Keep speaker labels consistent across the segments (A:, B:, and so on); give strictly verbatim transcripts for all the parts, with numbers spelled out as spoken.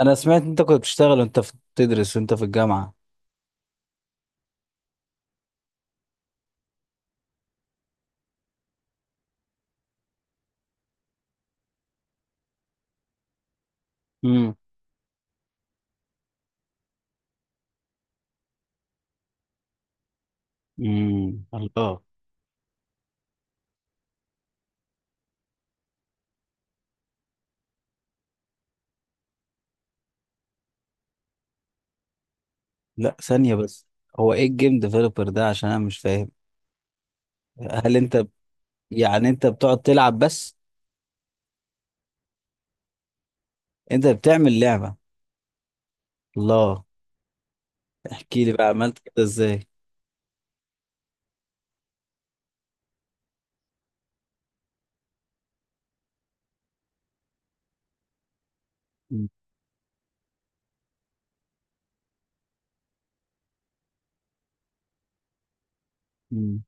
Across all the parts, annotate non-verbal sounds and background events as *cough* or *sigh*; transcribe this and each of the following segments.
A: انا سمعت انت كنت بتشتغل وانت في بتدرس وانت في الجامعه. امم امم الله. لا، ثانيه بس. هو ايه الجيم ديفلوبر ده؟ عشان انا مش فاهم. هل انت ب- يعني انت بتقعد تلعب بس؟ انت بتعمل لعبه؟ الله. احكي لي بقى عملت كده ازاي. مم. مم.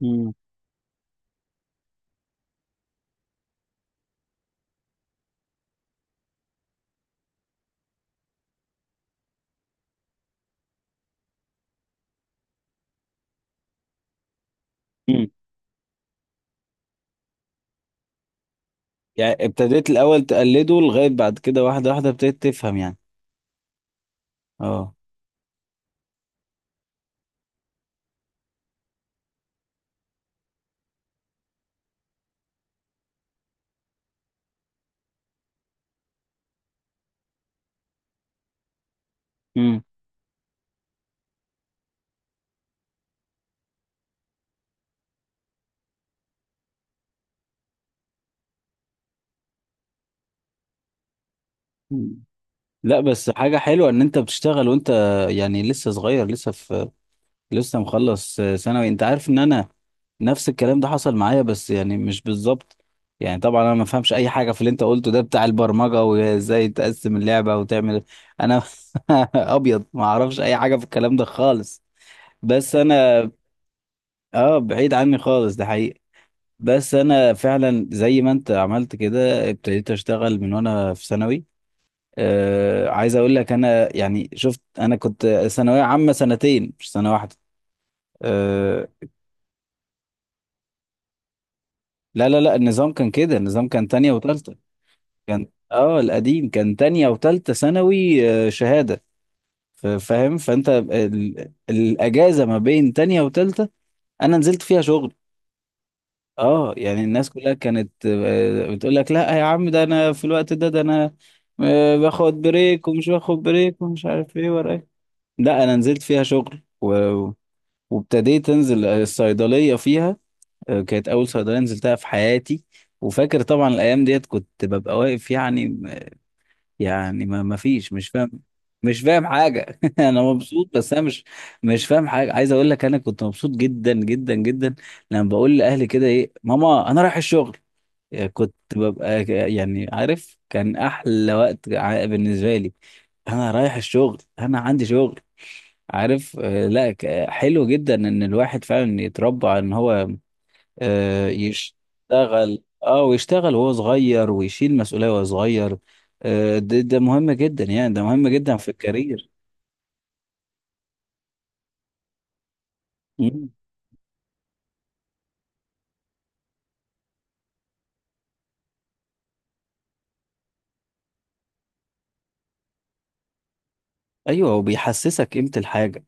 A: مم. مم. يعني ابتديت الاول تقلده، لغايه بعد كده واحده واحده ابتديت تفهم، يعني. اه. مم. مم. لا بس حاجة حلوة ان انت بتشتغل وانت يعني لسه صغير، لسه في، لسه مخلص ثانوي. انت عارف ان انا نفس الكلام ده حصل معايا، بس يعني مش بالظبط. يعني طبعا انا ما فهمش اي حاجه في اللي انت قلته ده بتاع البرمجه وازاي تقسم اللعبه وتعمل. انا *laughs* ابيض، ما اعرفش اي حاجه في الكلام ده خالص. بس انا اه بعيد عني خالص، ده حقيقي. بس انا فعلا زي ما انت عملت كده، ابتديت اشتغل من وانا في ثانوي. آه عايز اقول لك، انا يعني شفت، انا كنت ثانويه عامه سنتين، مش سنه واحده. آه. لا لا لا، النظام كان كده، النظام كان تانية وتالتة. كان اه القديم، كان تانية وتالتة ثانوي، آه، شهادة. ف- فاهم؟ فانت ال... الاجازة ما بين تانية وتالتة، انا نزلت فيها شغل. اه يعني الناس كلها كانت آه، بتقول لك لا يا عم، ده انا في الوقت ده ده انا آه، باخد بريك ومش باخد بريك ومش عارف ايه ورا ايه. لا، انا نزلت فيها شغل و... وابتديت انزل الصيدلية فيها. آه، كانت اول صيدلية نزلتها في حياتي. وفاكر طبعا الايام ديت كنت ببقى واقف، يعني. يعني ما ما فيش، مش فاهم، مش فاهم حاجة. *laughs* أنا مبسوط بس أنا مش، مش فاهم حاجة. عايز أقول لك أنا كنت مبسوط جدا جدا جدا، لما بقول لأهلي كده إيه ماما، أنا رايح الشغل. يعني كنت ببقى ك- يعني عارف كان أحلى وقت ع- بالنسبة لي. أنا رايح الشغل، أنا عندي شغل. عارف؟ آه، لا، ك- حلو جدا إن الواحد فعلا يتربى إن هو آه، يشتغل، اه ويشتغل وهو صغير، ويشيل مسؤولية وهو صغير. آه، ده ده مهم جدا، يعني ده مهم جدا في الكارير. مم. ايوه، وبيحسسك قيمة الحاجة.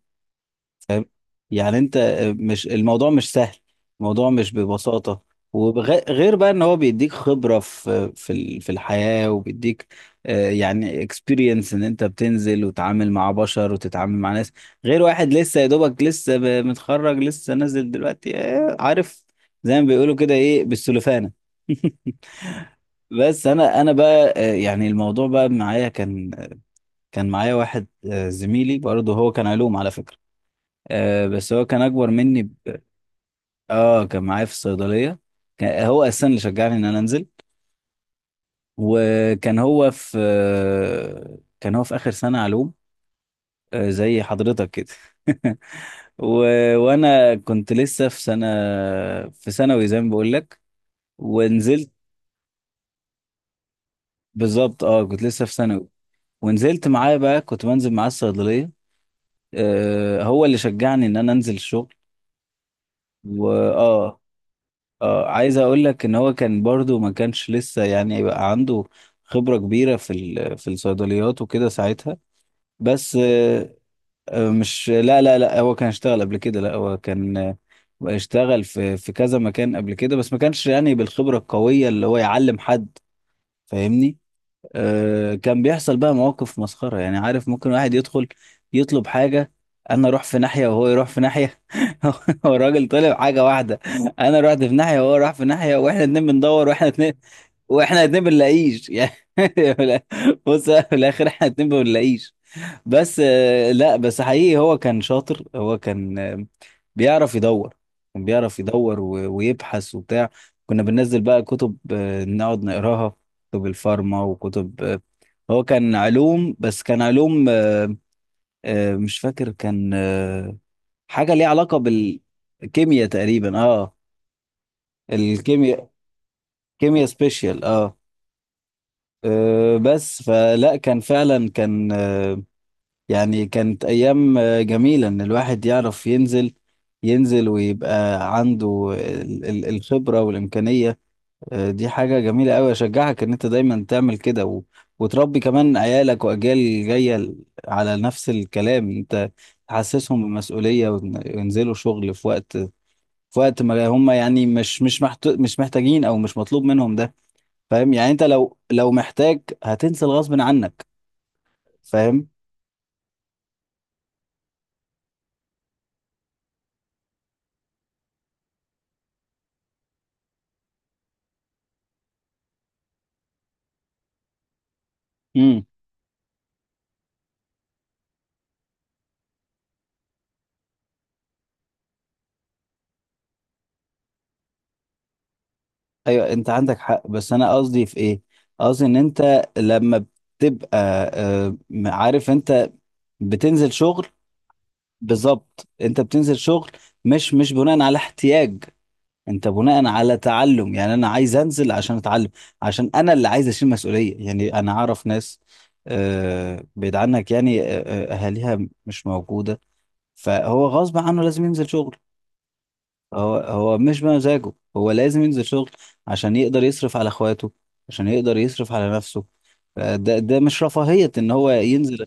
A: فاهم؟ يعني انت آه، مش الموضوع مش سهل. الموضوع مش ببساطة. وغير بقى ان هو بيديك خبرة في في ال- في الحياة، وبيديك آه، يعني اكسبيرينس، ان انت بتنزل وتتعامل مع بشر وتتعامل مع ناس. غير واحد لسه يا دوبك، لسه ب- متخرج، لسه نازل دلوقتي. آه، عارف، زي ما بيقولوا كده، ايه، بالسلوفانة. *laughs* بس انا انا بقى، آه، يعني الموضوع بقى معايا كان، كان معايا واحد، آه، زميلي برضه، هو كان علوم على فكرة. آه بس هو كان اكبر مني ب... اه كان معايا في الصيدليه. كان هو اساسا اللي شجعني ان انا انزل. وكان هو في آه، كان هو في اخر سنه علوم، آه، زي حضرتك كده. *laughs* و... وانا كنت لسه في سنه، في ثانوي، زي ما بقول لك. ونزلت. بالظبط، اه كنت لسه في ثانوي. ونزلت معاه بقى، كنت بنزل معاه الصيدليه. آه، هو اللي شجعني ان انا انزل الشغل. واه. آه عايز اقول لك ان هو كان برضو ما كانش لسه يعني بقى عنده خبرة كبيرة في ال- في الصيدليات وكده ساعتها. بس آه آه، مش، لا لا لا، هو كان اشتغل قبل كده. لا، هو كان، آه، اشتغل في في كذا مكان قبل كده، بس ما كانش يعني بالخبرة القوية اللي هو يعلم حد. فاهمني؟ آه، كان بيحصل بقى مواقف مسخرة، يعني عارف، ممكن واحد يدخل يطلب حاجة، أنا أروح في ناحية وهو يروح في ناحية. *laughs* هو الراجل طلب حاجة واحدة، أنا رحت في ناحية وهو راح في ناحية، وإحنا اتنين بندور، وإحنا اتنين، وإحنا اتنين بنلاقيش. *laughs* يعني، بص، في الآخر إحنا اتنين بنلاقيش. بس آه، لا، بس حقيقي هو كان شاطر، هو كان آه، بيعرف يدور. كان بيعرف يدور و- ويبحث وبتاع. كنا بننزل بقى كتب، آه، نقعد نقراها، كتب الفارما وكتب، آه، هو كان علوم، بس كان علوم، آه، آه، مش فاكر، كان آه، حاجة ليها علاقة بالكيمياء تقريبا، اه. الكيمياء. كيمياء سبيشال، اه. آه، بس فلا، كان فعلا كان يعني كانت أيام آه، جميلة، إن الواحد يعرف ينزل، ينزل ويبقى عنده ال- ال- الخبرة والإمكانية. آه، دي حاجة جميلة أوي، أشجعك إن أنت دايما تعمل كده و... وتربي كمان عيالك وأجيال جاية ل- على نفس الكلام. أنت تحسسهم بالمسؤولية، وإن- وينزلوا شغل في وقت، في وقت ما هم يعني مش، مش محت... مش محتاجين، أو مش مطلوب منهم ده. فاهم يعني؟ أنت لو لو محتاج هتنزل غصب عنك. فاهم. ايوه، انت عندك حق، بس انا قصدي في ايه. قصدي ان انت لما بتبقى، آه، عارف، انت بتنزل شغل. بالظبط، انت بتنزل شغل، مش مش بناء على احتياج، انت بناء على تعلم. يعني انا عايز انزل عشان اتعلم، عشان انا اللي عايز اشيل مسؤولية. يعني انا اعرف ناس آه، بعيد عنك، يعني آه، آه، اهاليها مش موجودة، فهو غصب عنه لازم ينزل شغل. هو هو مش بمزاجه، هو لازم ينزل شغل عشان يقدر يصرف على اخواته، عشان يقدر يصرف على نفسه. ده ده مش رفاهية ان هو ينزل.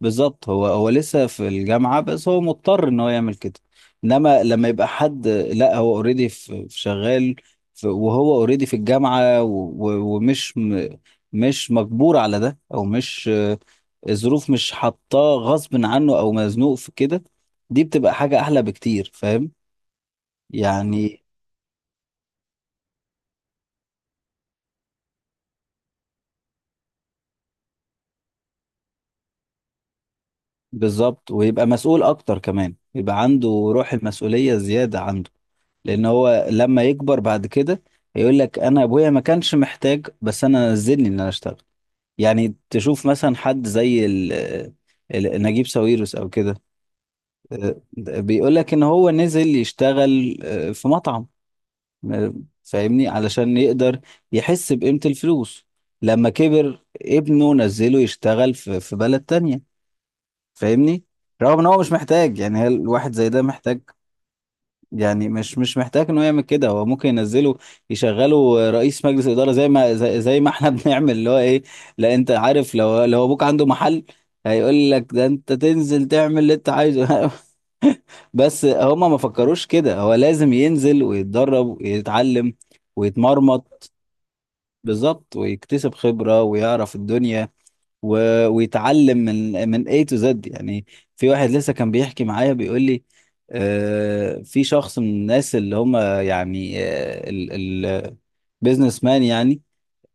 A: بالظبط، هو هو لسه في الجامعة، بس هو مضطر ان هو يعمل كده. انما لما يبقى حد، لا، هو اوريدي في في شغال، في وهو اوريدي في الجامعة، و- و- ومش م- مش مجبور على ده، او مش، آه، الظروف مش حاطاه غصب عنه او مزنوق في كده. دي بتبقى حاجة احلى بكتير. فاهم يعني. بالظبط، ويبقى مسؤول اكتر كمان، يبقى عنده روح المسؤولية زيادة عنده. لان هو لما يكبر بعد كده هيقول لك انا ابويا ما كانش محتاج، بس انا نزلني ان انا اشتغل. يعني تشوف مثلا حد زي ال ال- نجيب ساويرس او كده. آه، بيقول لك ان هو نزل يشتغل، آه، في مطعم. آه، فاهمني؟ علشان يقدر يحس بقيمة الفلوس. لما كبر ابنه نزله يشتغل في في بلد تانية. فاهمني؟ رغم ان هو مش محتاج. يعني هل الواحد زي ده محتاج؟ يعني مش مش محتاج ان هو يعمل كده. هو ممكن ينزله يشغله رئيس مجلس اداره زي ما، زي, زي ما احنا *laughs* بنعمل، اللي هو ايه، لا انت عارف لو، لو ابوك عنده محل، هيقول لك ده انت تنزل تعمل اللي انت عايزه. *laughs* بس هما ما فكروش كده، هو لازم ينزل ويتدرب ويتعلم ويتمرمط. بالظبط، ويكتسب خبرة ويعرف الدنيا و... ويتعلم من من ايه تو زد يعني. في واحد لسه كان بيحكي معايا بيقول لي، آه، في شخص من الناس اللي هم يعني البيزنس مان، يعني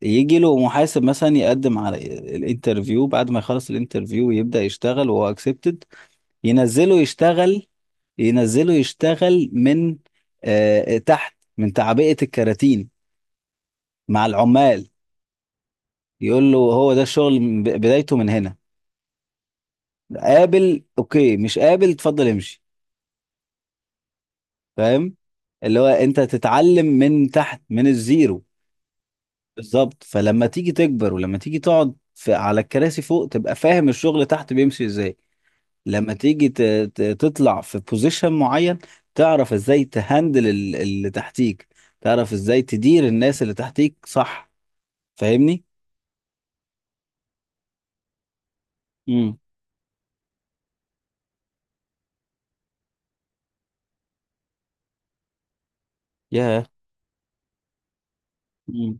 A: يجي له محاسب مثلا، يقدم على الانترفيو، بعد ما يخلص الانترفيو ويبدأ يشتغل وهو اكسبتد، ينزله يشتغل، ينزله يشتغل من، آه تحت، من تعبئة الكراتين مع العمال، يقول له هو ده الشغل من ب- بدايته، من هنا قابل اوكي، مش قابل اتفضل امشي. فاهم اللي هو انت تتعلم من تحت، من الزيرو. بالظبط، فلما تيجي تكبر ولما تيجي تقعد في، على الكراسي فوق، تبقى فاهم الشغل تحت بيمشي ازاي. لما تيجي ت- ت- تطلع في بوزيشن معين، تعرف ازاي تهندل ال- اللي تحتيك، تعرف ازاي تدير الناس اللي تحتيك، صح؟ فاهمني. امم. ياه. امم.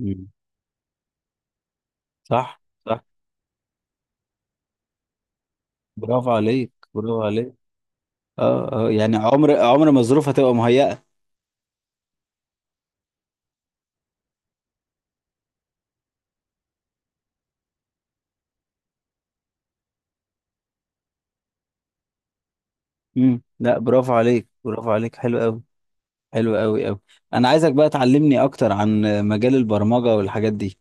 A: امم. صح، صح. برافو عليك، برافو عليك. اه، اه، يعني عمر عمر ما الظروف هتبقى مهيئة. امم. لا، برافو عليك، برافو عليك، حلو قوي. حلو قوي قوي. انا عايزك بقى تعلمني اكتر عن مجال البرمجة والحاجات دي.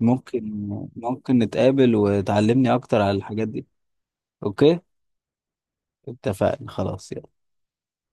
A: ممكن؟ ممكن نتقابل وتعلمني اكتر على الحاجات دي؟ اوكي. اتفقنا، خلاص، يلا.